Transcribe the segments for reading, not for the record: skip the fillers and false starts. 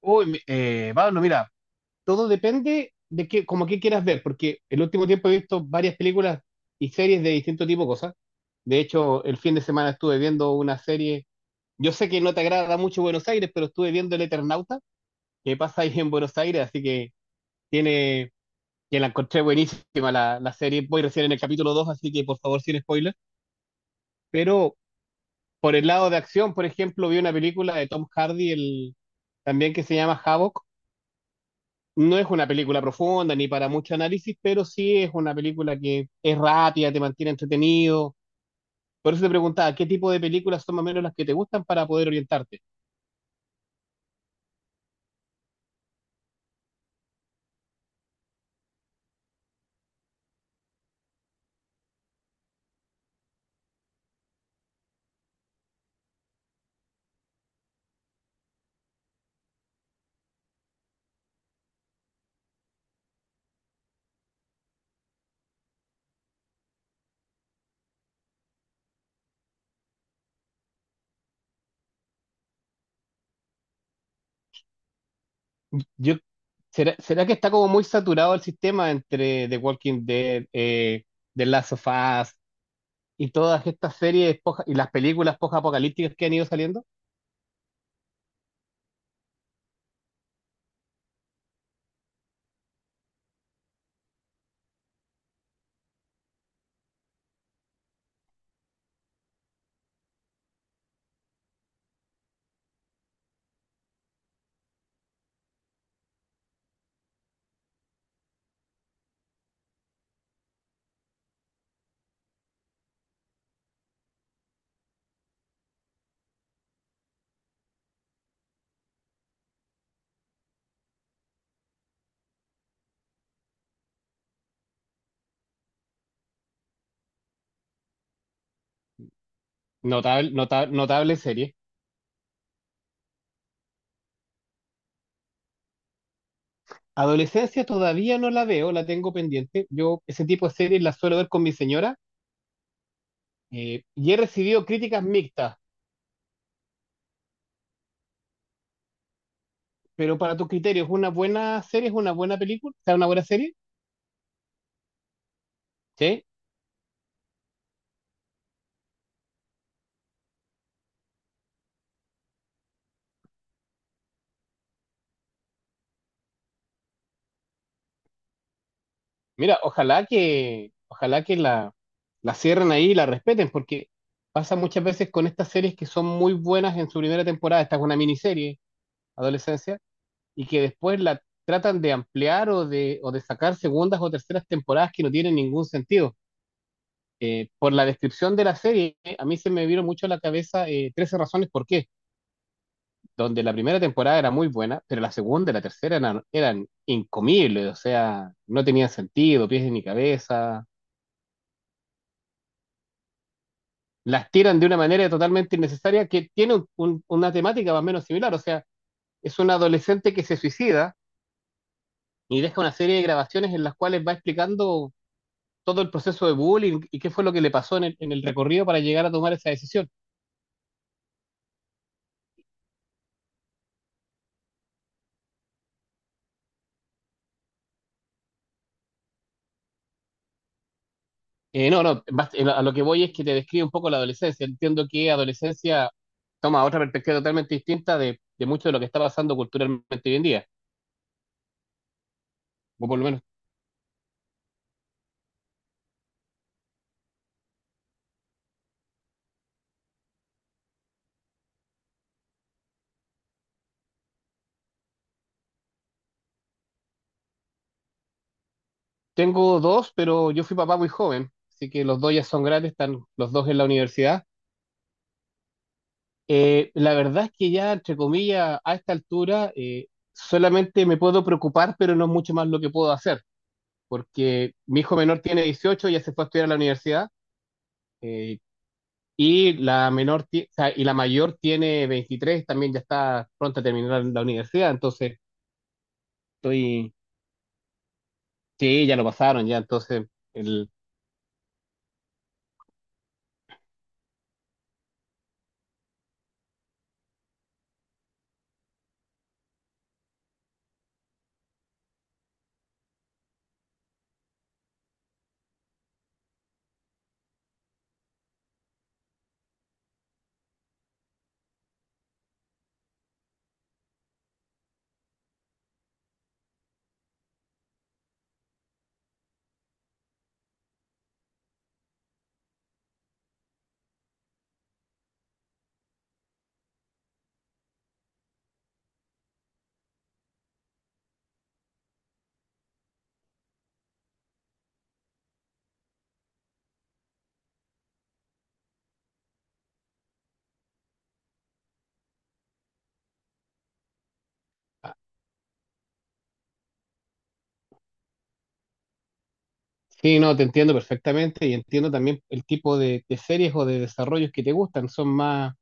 Pablo, mira, todo depende de qué, como qué quieras ver, porque el último tiempo he visto varias películas y series de distinto tipo de cosas. De hecho, el fin de semana estuve viendo una serie. Yo sé que no te agrada mucho Buenos Aires, pero estuve viendo El Eternauta, que pasa ahí en Buenos Aires, así que tiene, que la encontré buenísima la serie. Voy recién en el capítulo 2, así que por favor, sin spoiler. Pero por el lado de acción, por ejemplo, vi una película de Tom Hardy, también que se llama Havoc. No es una película profunda ni para mucho análisis, pero sí es una película que es rápida, te mantiene entretenido. Por eso te preguntaba, ¿qué tipo de películas son más o menos las que te gustan para poder orientarte? Yo, ¿será que está como muy saturado el sistema entre The Walking Dead, The Last of Us y todas estas series y las películas post-apocalípticas que han ido saliendo? Notable, notable serie. Adolescencia todavía no la veo, la tengo pendiente. Yo ese tipo de series las suelo ver con mi señora. Y he recibido críticas mixtas, pero para tus criterios, ¿es una buena serie? ¿Es una buena película? ¿Es una buena serie? Sí. Mira, ojalá que la cierren ahí y la respeten, porque pasa muchas veces con estas series que son muy buenas en su primera temporada. Esta es una miniserie, adolescencia, y que después la tratan de ampliar o de sacar segundas o terceras temporadas que no tienen ningún sentido. Por la descripción de la serie, a mí se me vieron mucho a la cabeza 13 razones por qué, donde la primera temporada era muy buena, pero la segunda y la tercera eran incomibles, o sea, no tenían sentido, pies ni cabeza. Las tiran de una manera totalmente innecesaria que tiene una temática más o menos similar, o sea, es un adolescente que se suicida y deja una serie de grabaciones en las cuales va explicando todo el proceso de bullying y qué fue lo que le pasó en en el recorrido para llegar a tomar esa decisión. No, no, bas- A lo que voy es que te describe un poco la adolescencia. Entiendo que adolescencia toma otra perspectiva totalmente distinta de mucho de lo que está pasando culturalmente hoy en día. O por lo menos tengo dos, pero yo fui papá muy joven, así que los dos ya son grandes, están los dos en la universidad. La verdad es que ya, entre comillas, a esta altura solamente me puedo preocupar, pero no es mucho más lo que puedo hacer, porque mi hijo menor tiene 18, ya se fue a estudiar a la universidad. eh, Y la menor, o sea, y la mayor tiene 23, también ya está pronta a terminar la universidad, entonces estoy, sí, ya lo pasaron, ya, entonces, el, ah, sí, no, te entiendo perfectamente y entiendo también el tipo de series o de desarrollos que te gustan,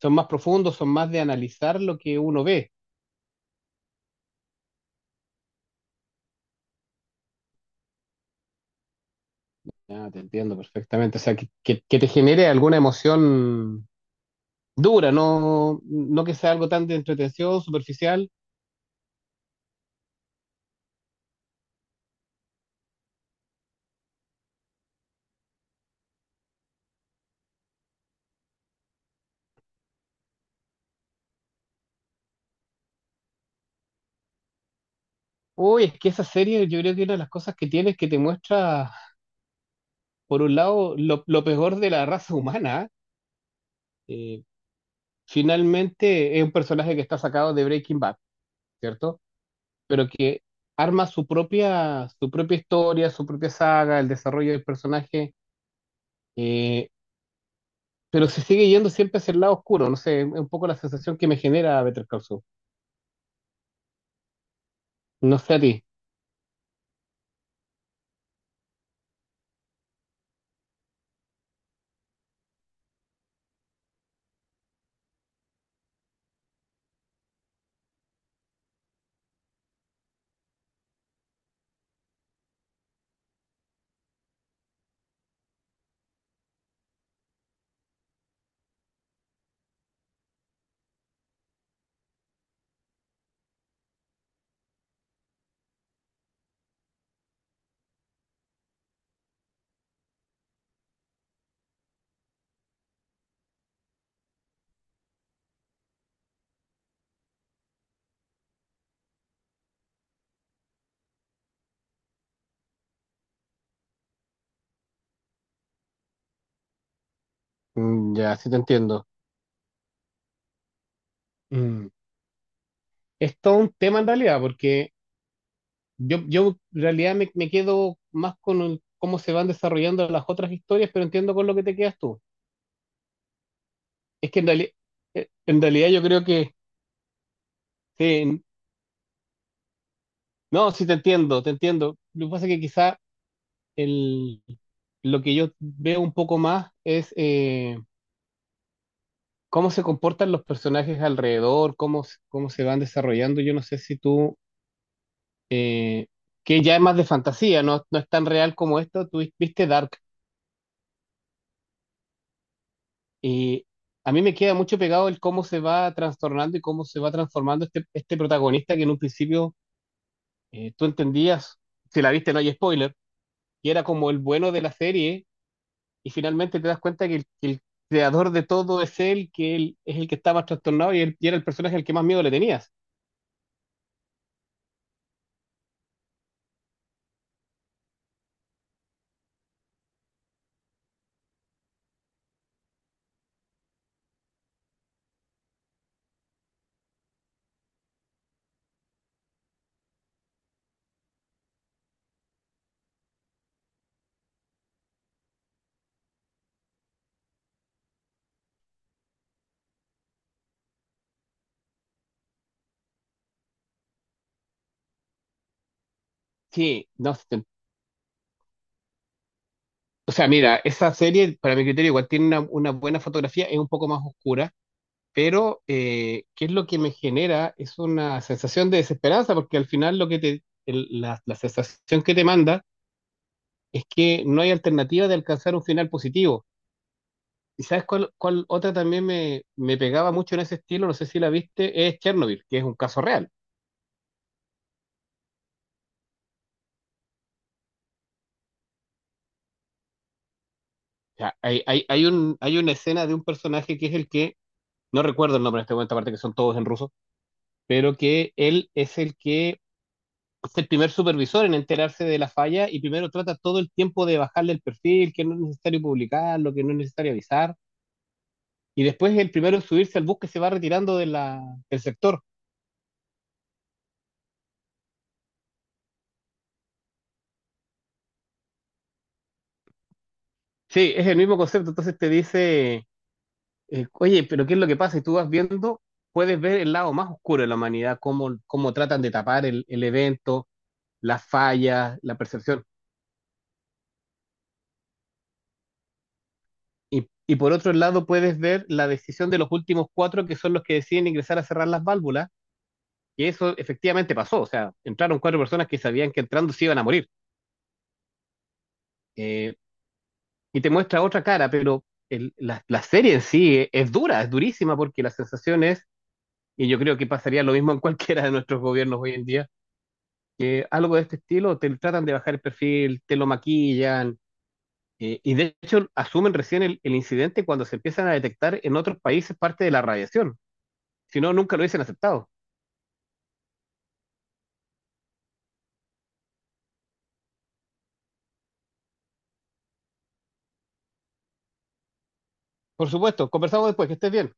son más profundos, son más de analizar lo que uno ve, ya, te entiendo perfectamente, o sea, que te genere alguna emoción dura, no que sea algo tan de entretención, superficial. Uy, es que esa serie yo creo que una de las cosas que tiene es que te muestra, por un lado, lo peor de la raza humana, eh, finalmente es un personaje que está sacado de Breaking Bad, ¿cierto? Pero que arma su propia historia, su propia saga, el desarrollo del personaje, eh, pero se sigue yendo siempre hacia el lado oscuro. No sé, es un poco la sensación que me genera Better Call Saul. No sé a ti. Ya, sí te entiendo. Mm. Es todo un tema en realidad, porque yo en realidad me quedo más con cómo se van desarrollando las otras historias, pero entiendo con lo que te quedas tú. Es que en realidad yo creo que, sí, no, sí te entiendo, te entiendo. Lo que pasa es que quizá el, lo que yo veo un poco más es cómo se comportan los personajes alrededor, cómo, cómo se van desarrollando. Yo no sé si tú, que ya es más de fantasía, no es tan real como esto, tú viste Dark. Y a mí me queda mucho pegado el cómo se va trastornando y cómo se va transformando este protagonista que en un principio tú entendías, si la viste no hay spoiler, que era como el bueno de la serie, y finalmente te das cuenta que el creador de todo es él, que él es el que está más trastornado y, y era el personaje al que más miedo le tenías. Sí, no, sí, o sea, mira, esa serie, para mi criterio, igual tiene una buena fotografía, es un poco más oscura, pero ¿qué es lo que me genera? Es una sensación de desesperanza, porque al final lo que te, la sensación que te manda es que no hay alternativa de alcanzar un final positivo. ¿Y sabes cuál otra también me pegaba mucho en ese estilo? No sé si la viste, es Chernobyl, que es un caso real. O sea, hay una escena de un personaje que es el que, no recuerdo el nombre en este momento, aparte que son todos en ruso, pero que él es el que es el primer supervisor en enterarse de la falla y primero trata todo el tiempo de bajarle el perfil, que no es necesario publicarlo, que no es necesario avisar, y después el primero en subirse al bus que se va retirando de del sector. Sí, es el mismo concepto, entonces te dice. Oye, pero ¿qué es lo que pasa? Y tú vas viendo, puedes ver el lado más oscuro de la humanidad, cómo tratan de tapar el evento, las fallas, la percepción. Y por otro lado, puedes ver la decisión de los últimos 4 que son los que deciden ingresar a cerrar las válvulas, y eso efectivamente pasó. O sea, entraron 4 personas que sabían que entrando se iban a morir. Eh, y te muestra otra cara, pero la serie en sí es dura, es durísima, porque la sensación es, y yo creo que pasaría lo mismo en cualquiera de nuestros gobiernos hoy en día que algo de este estilo te tratan de bajar el perfil, te lo maquillan, y de hecho asumen recién el incidente cuando se empiezan a detectar en otros países parte de la radiación, si no, nunca lo hubiesen aceptado. Por supuesto, conversamos después, que estés bien.